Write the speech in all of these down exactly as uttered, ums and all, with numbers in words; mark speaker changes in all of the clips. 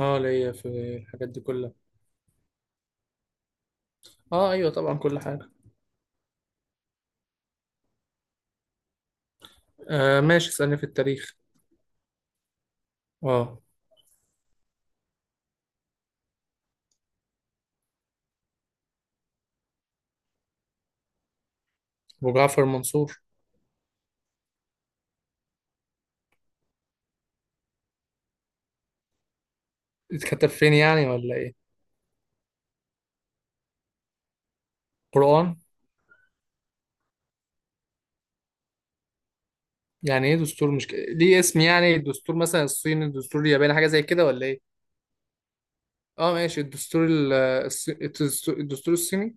Speaker 1: اه ليا في الحاجات دي كلها. اه ايوه طبعا كل حاجه. آه ماشي اسالني في التاريخ. اه ابو جعفر منصور. اتكتب فين يعني ولا ايه؟ قران. يعني ايه دستور مش ك...، ليه اسم يعني الدستور مثلا الصيني الدستور الياباني حاجه زي كده ولا ايه؟ اه ماشي الدستور ال... الص- الدستور الدستور الصيني.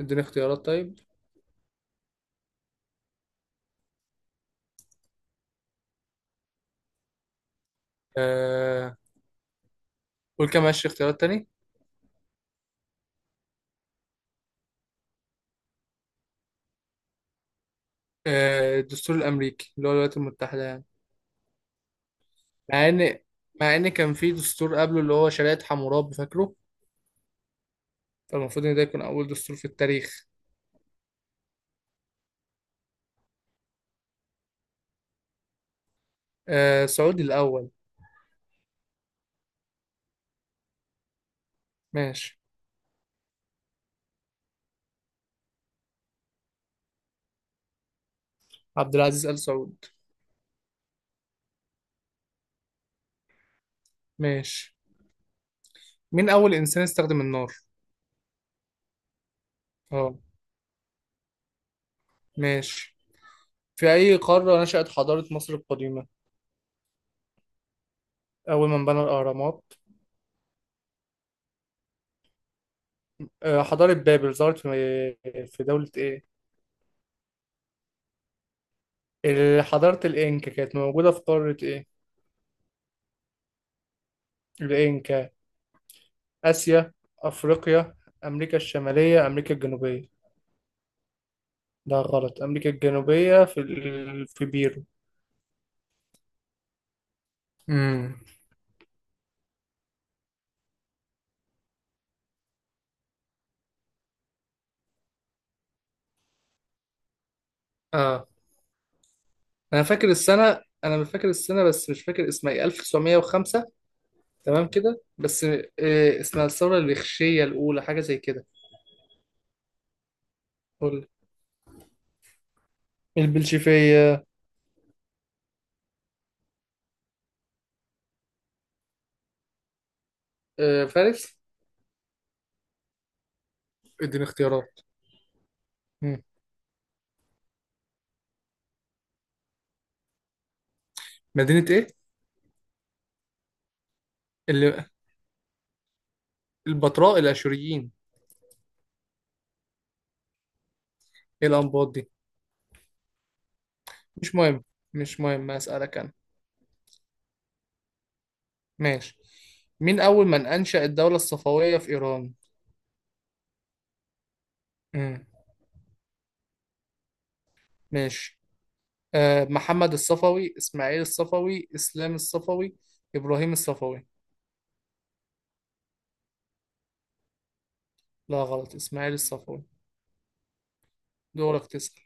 Speaker 1: اديني اختيارات طيب. آه قول كده، ماشي اختيارات تاني. آه الدستور الامريكي اللي هو الولايات المتحده يعني. مع ان مع ان كان في دستور قبله اللي هو شريعه حمورابي، فاكره؟ فالمفروض ان ده يكون اول دستور في التاريخ. آه سعودي الاول. ماشي عبد العزيز ال سعود. ماشي، مين اول انسان استخدم النار؟ اه ماشي. في اي قاره نشأت حضاره مصر القديمه؟ اول من بنى الاهرامات؟ آه حضاره بابل ظهرت في في دوله ايه؟ ال- حضاره الانكا كانت موجوده في قاره ايه؟ الانكا اسيا افريقيا امريكا الشماليه امريكا الجنوبيه. ده غلط، امريكا الجنوبيه في ال- في بيرو. امم. انا فاكر السنه، انا مش فاكر السنه بس مش فاكر اسمها ايه، ألف وتسعمية وخمسة. تمام كده بس آه، اسمها الثوره الريخشيه الاولى حاجه زي كده. قول لي. البلشفيه. آه، فارس. اديني اختيارات. مم. مدينه ايه؟ اللي البتراء الاشوريين. ايه الانباط دي؟ مش مهم، مش مهم، اسالك انا. ماشي، مين اول من انشا الدوله الصفويه في ايران؟ مم. ماشي. آه، محمد الصفوي، اسماعيل الصفوي، اسلام الصفوي، ابراهيم الصفوي. لا غلط، اسماعيل الصفوي. دورك تسأل.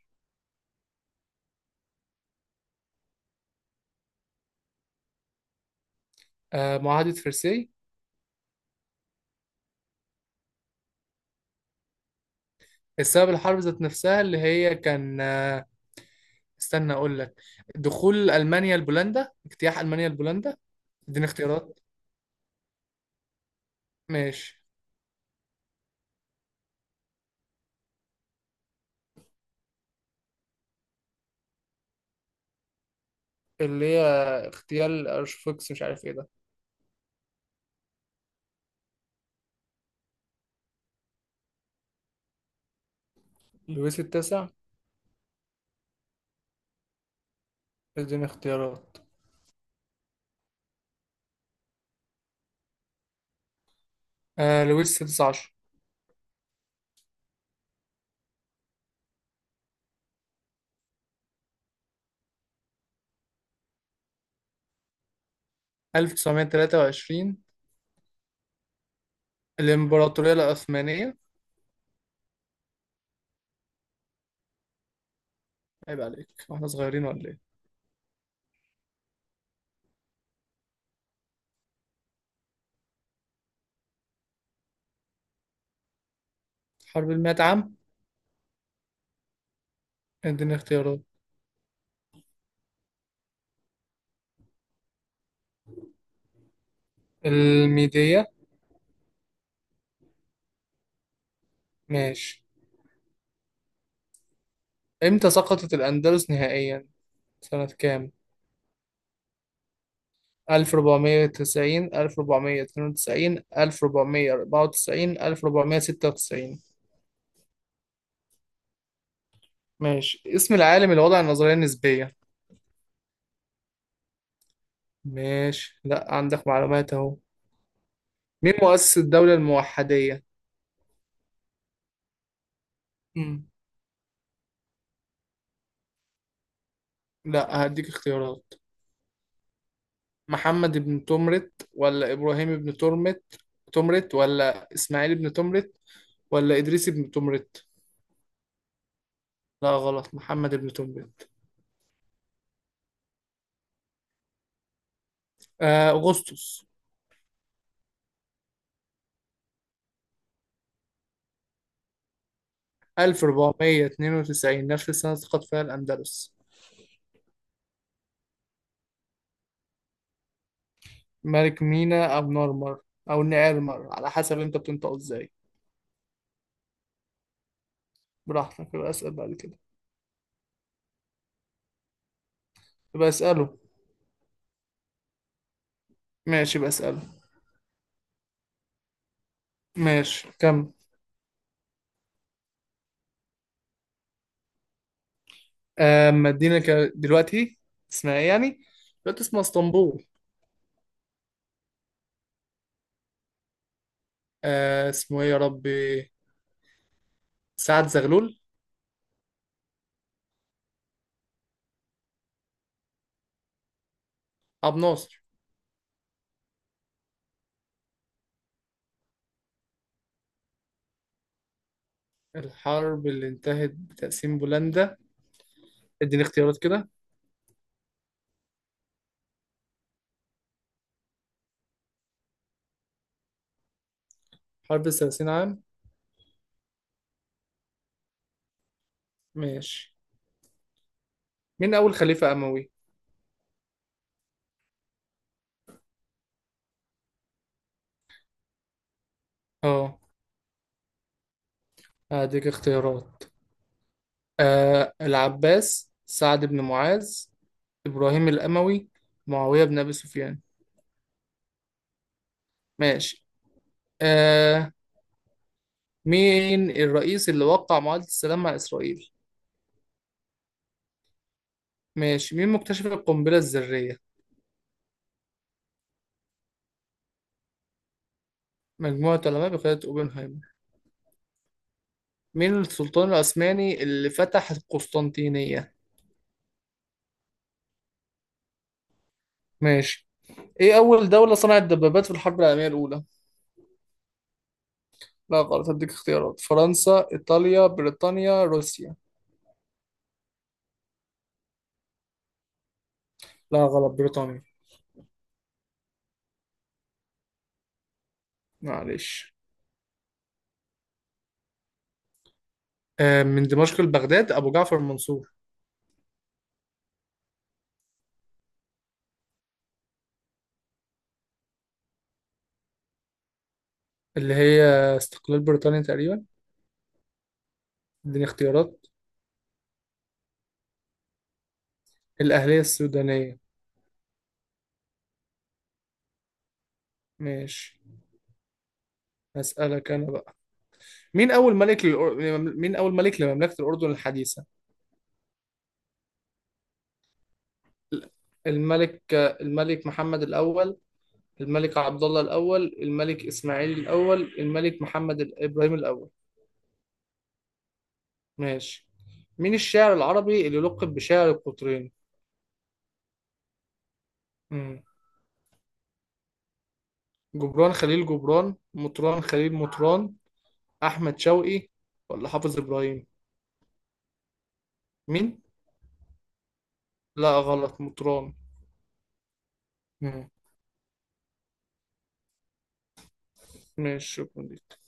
Speaker 1: آه معاهدة فرساي. السبب الحرب ذات نفسها اللي هي كان آه استنى أقول لك. دخول ألمانيا لبولندا، اجتياح ألمانيا لبولندا. اديني اختيارات. ماشي. اللي هي اغتيال أرشفوكس مش عارف ايه ده. لويس التاسع. اديني اختيارات. آه لويس السادس عشر. ألف وتسعمية وتلاتة وعشرين. الإمبراطورية العثمانية. عيب عليك، واحنا صغيرين ولا ايه؟ حرب المئة عام. اديني اختيارات. الميدية. ماشي. إمتى سقطت الأندلس نهائيا؟ سنة كام؟ ألف واربعمية وتسعين، ألف واربعمية واتنين وتسعين، ألف واربعمية واربعة وتسعين، ألف واربعمية وستة وتسعين. ماشي، اسم العالم اللي وضع النظرية النسبية. ماشي، لا عندك معلومات أهو. مين مؤسس الدولة الموحدية؟ مم. لا هديك اختيارات. محمد بن تمرت ولا إبراهيم بن ترمت تمرت ولا إسماعيل بن تمرت ولا إدريس بن تمرت. لا غلط، محمد بن تمرت. آه أغسطس. ألف واربعمية واتنين وتسعين، نفس السنة سقط فيها الأندلس. ملك مينا أو نورمر أو نيرمر، على حسب أنت بتنطق إزاي. براحتك، يبقى أسأل بعد كده. يبقى أسأله. ماشي يبقى أسأله. ماشي كم. أما ادينا ك- دلوقتي اسمها إيه يعني؟ دلوقتي اسمها اسطنبول. آه اسمه إيه يا ربي؟ سعد زغلول. أبو ناصر. الحرب اللي انتهت بتقسيم بولندا. اديني اختيارات كده. حرب تلاتين عام. ماشي، مين أول خليفة أموي؟ اه هديك اختيارات. آه العباس، سعد بن معاذ، إبراهيم الأموي، معاوية بن أبي سفيان. ماشي. آه، مين الرئيس اللي وقع معاهدة السلام مع إسرائيل؟ ماشي، مين مكتشف القنبلة الذرية؟ مجموعة علماء بقيادة أوبنهايمر. مين السلطان العثماني اللي فتح القسطنطينية؟ ماشي. إيه أول دولة صنعت دبابات في الحرب العالمية الأولى؟ لا غلط، هديك اختيارات: فرنسا، إيطاليا، بريطانيا، روسيا. لا غلط، بريطانيا. معلش. آه، من دمشق لبغداد أبو جعفر المنصور. اللي هي استقلال بريطانيا تقريبا. اديني اختيارات. الأهلية السودانية. ماشي. هسألك أنا بقى. مين أول ملك للأر... مين أول ملك لمملكة الأردن الحديثة؟ الملك الملك محمد الأول، الملك عبد الله الأول، الملك إسماعيل الأول، الملك محمد ال- إبراهيم الأول. ماشي، مين الشاعر العربي اللي لقب بشاعر القطرين؟ مم. جبران خليل جبران، مطران خليل مطران، احمد شوقي، ولا حافظ ابراهيم؟ مين؟ لا غلط، مطران. مم. ماشي، شكرا ليك.